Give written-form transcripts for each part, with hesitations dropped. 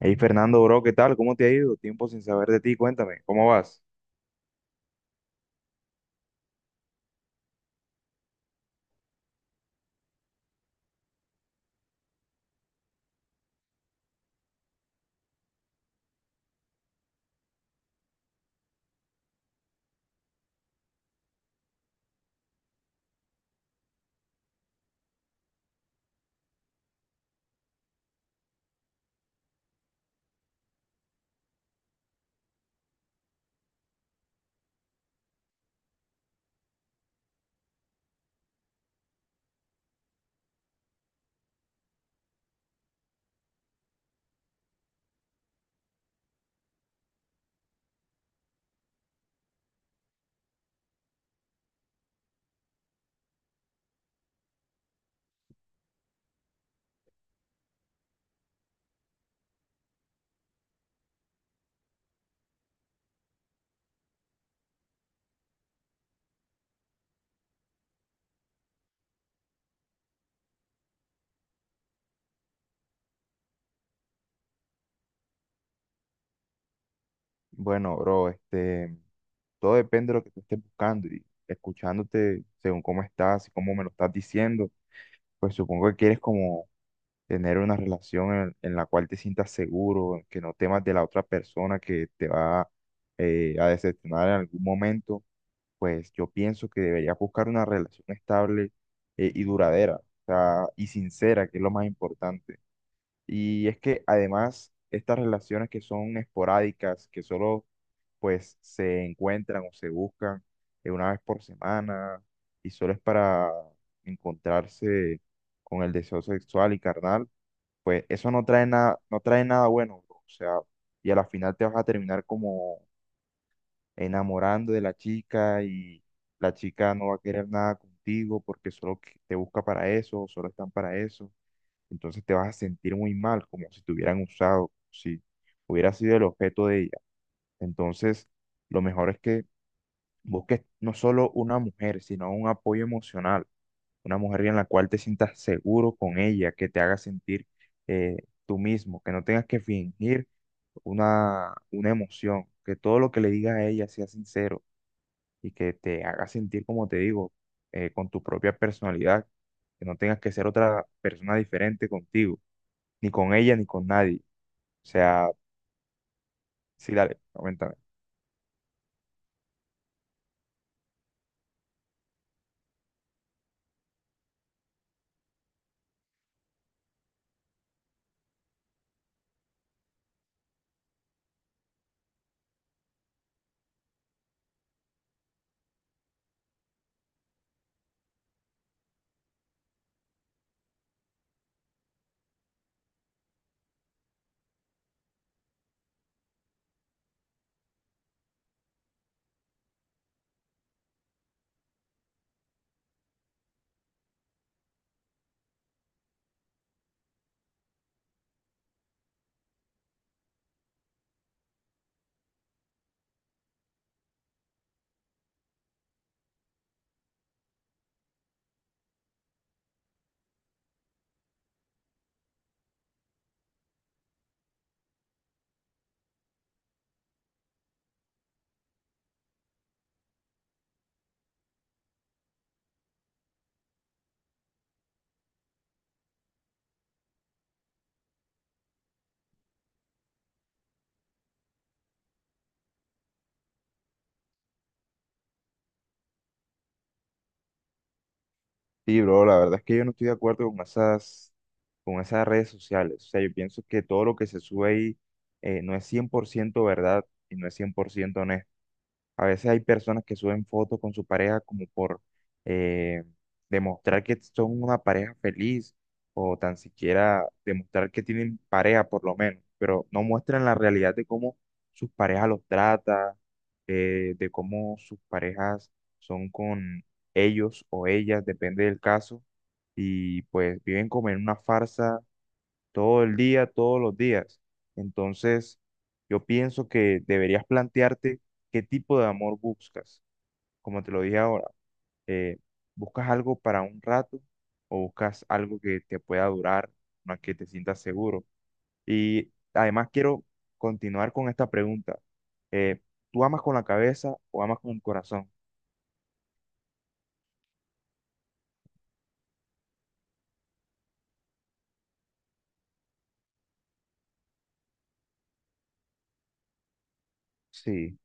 Hey Fernando, bro, ¿qué tal? ¿Cómo te ha ido? Tiempo sin saber de ti, cuéntame, ¿cómo vas? Bueno, bro, todo depende de lo que tú estés buscando, y escuchándote según cómo estás y cómo me lo estás diciendo, pues supongo que quieres como tener una relación en la cual te sientas seguro, en que no temas de la otra persona que te va a decepcionar en algún momento. Pues yo pienso que deberías buscar una relación estable y duradera, o sea, y sincera, que es lo más importante. Y es que además estas relaciones que son esporádicas, que solo pues se encuentran o se buscan una vez por semana y solo es para encontrarse con el deseo sexual y carnal, pues eso no trae nada, no trae nada bueno, bro. O sea, y a la final te vas a terminar como enamorando de la chica, y la chica no va a querer nada contigo porque solo te busca para eso, solo están para eso. Entonces te vas a sentir muy mal, como si te hubieran usado, si hubieras sido el objeto de ella. Entonces, lo mejor es que busques no solo una mujer, sino un apoyo emocional, una mujer en la cual te sientas seguro con ella, que te haga sentir eh, tú mismo, que no tengas que fingir una emoción, que todo lo que le digas a ella sea sincero y que te haga sentir, como te digo, con tu propia personalidad, que no tengas que ser otra persona diferente contigo ni con ella ni con nadie. O sea, sí, dale, coméntame. Sí, bro, la verdad es que yo no estoy de acuerdo con con esas redes sociales. O sea, yo pienso que todo lo que se sube ahí no es cien por ciento verdad y no es 100% honesto. A veces hay personas que suben fotos con su pareja como por eh, demostrar que son una pareja feliz, o tan siquiera demostrar que tienen pareja por lo menos, pero no muestran la realidad de cómo sus parejas los trata, de cómo sus parejas son con ellos o ellas, depende del caso, y pues viven como en una farsa todo el día, todos los días. Entonces, yo pienso que deberías plantearte qué tipo de amor buscas. Como te lo dije ahora, eh, ¿buscas algo para un rato o buscas algo que te pueda durar, más que te sientas seguro? Y además quiero continuar con esta pregunta. Eh, ¿Tú amas con la cabeza o amas con el corazón? Sí,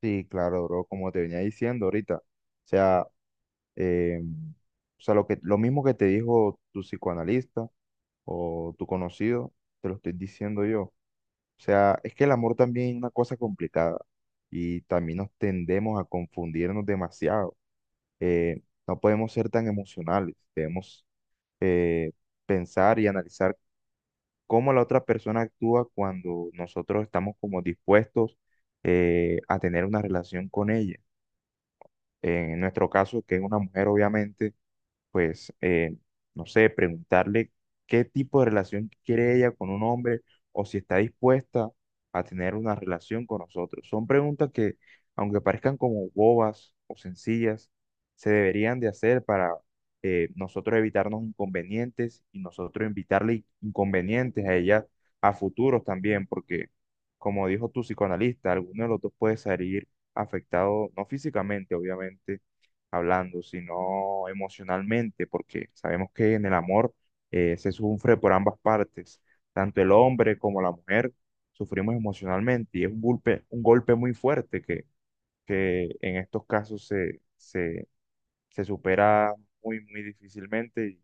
sí, claro, bro, como te venía diciendo ahorita. Sea, eh, o sea, lo mismo que te dijo tu psicoanalista, o tu conocido, te lo estoy diciendo yo. O sea, es que el amor también es una cosa complicada y también nos tendemos a confundirnos demasiado. Eh, no podemos ser tan emocionales, debemos eh, pensar y analizar cómo la otra persona actúa cuando nosotros estamos como dispuestos a tener una relación con ella. En nuestro caso, que es una mujer, obviamente pues, no sé, preguntarle qué tipo de relación quiere ella con un hombre o si está dispuesta a tener una relación con nosotros. Son preguntas que, aunque parezcan como bobas o sencillas, se deberían de hacer para nosotros evitarnos inconvenientes y nosotros invitarle inconvenientes a ella a futuros también, porque, como dijo tu psicoanalista, alguno de los dos puede salir afectado, no físicamente, obviamente, hablando, sino emocionalmente, porque sabemos que en el amor se sufre por ambas partes, tanto el hombre como la mujer sufrimos emocionalmente, y es un golpe muy fuerte que en estos casos se supera muy, muy difícilmente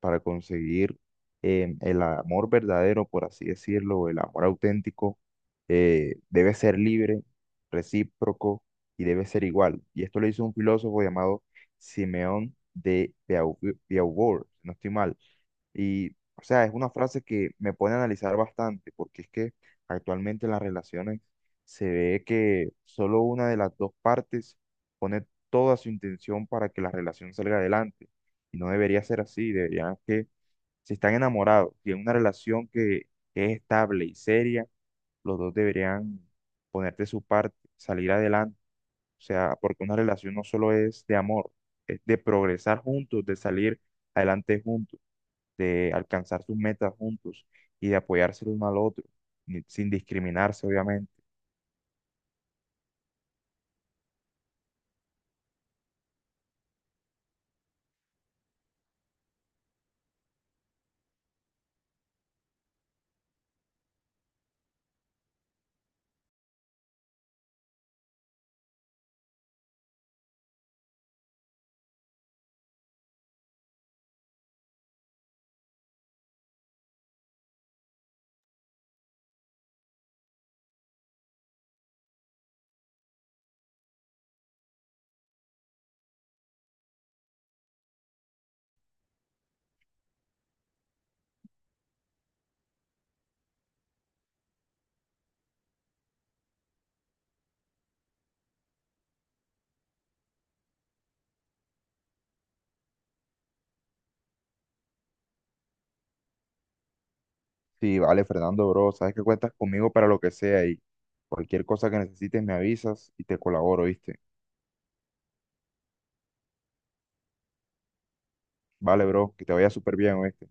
para conseguir el amor verdadero, por así decirlo, el amor auténtico. Debe ser libre, recíproco y debe ser igual. Y esto lo hizo un filósofo llamado Simeón de Beauvoir, si no estoy mal. Y, o sea, es una frase que me pone a analizar bastante, porque es que actualmente en las relaciones se ve que solo una de las dos partes pone toda su intención para que la relación salga adelante. Y no debería ser así, deberían que, si están enamorados y en una relación que es estable y seria, los dos deberían ponerte su parte, salir adelante. O sea, porque una relación no solo es de amor, es de progresar juntos, de salir adelante juntos, de alcanzar sus metas juntos y de apoyarse el uno al otro, sin discriminarse, obviamente. Sí, vale, Fernando, bro, sabes que cuentas conmigo para lo que sea, y cualquier cosa que necesites me avisas y te colaboro, ¿viste? Vale, bro, que te vaya súper bien, ¿oíste?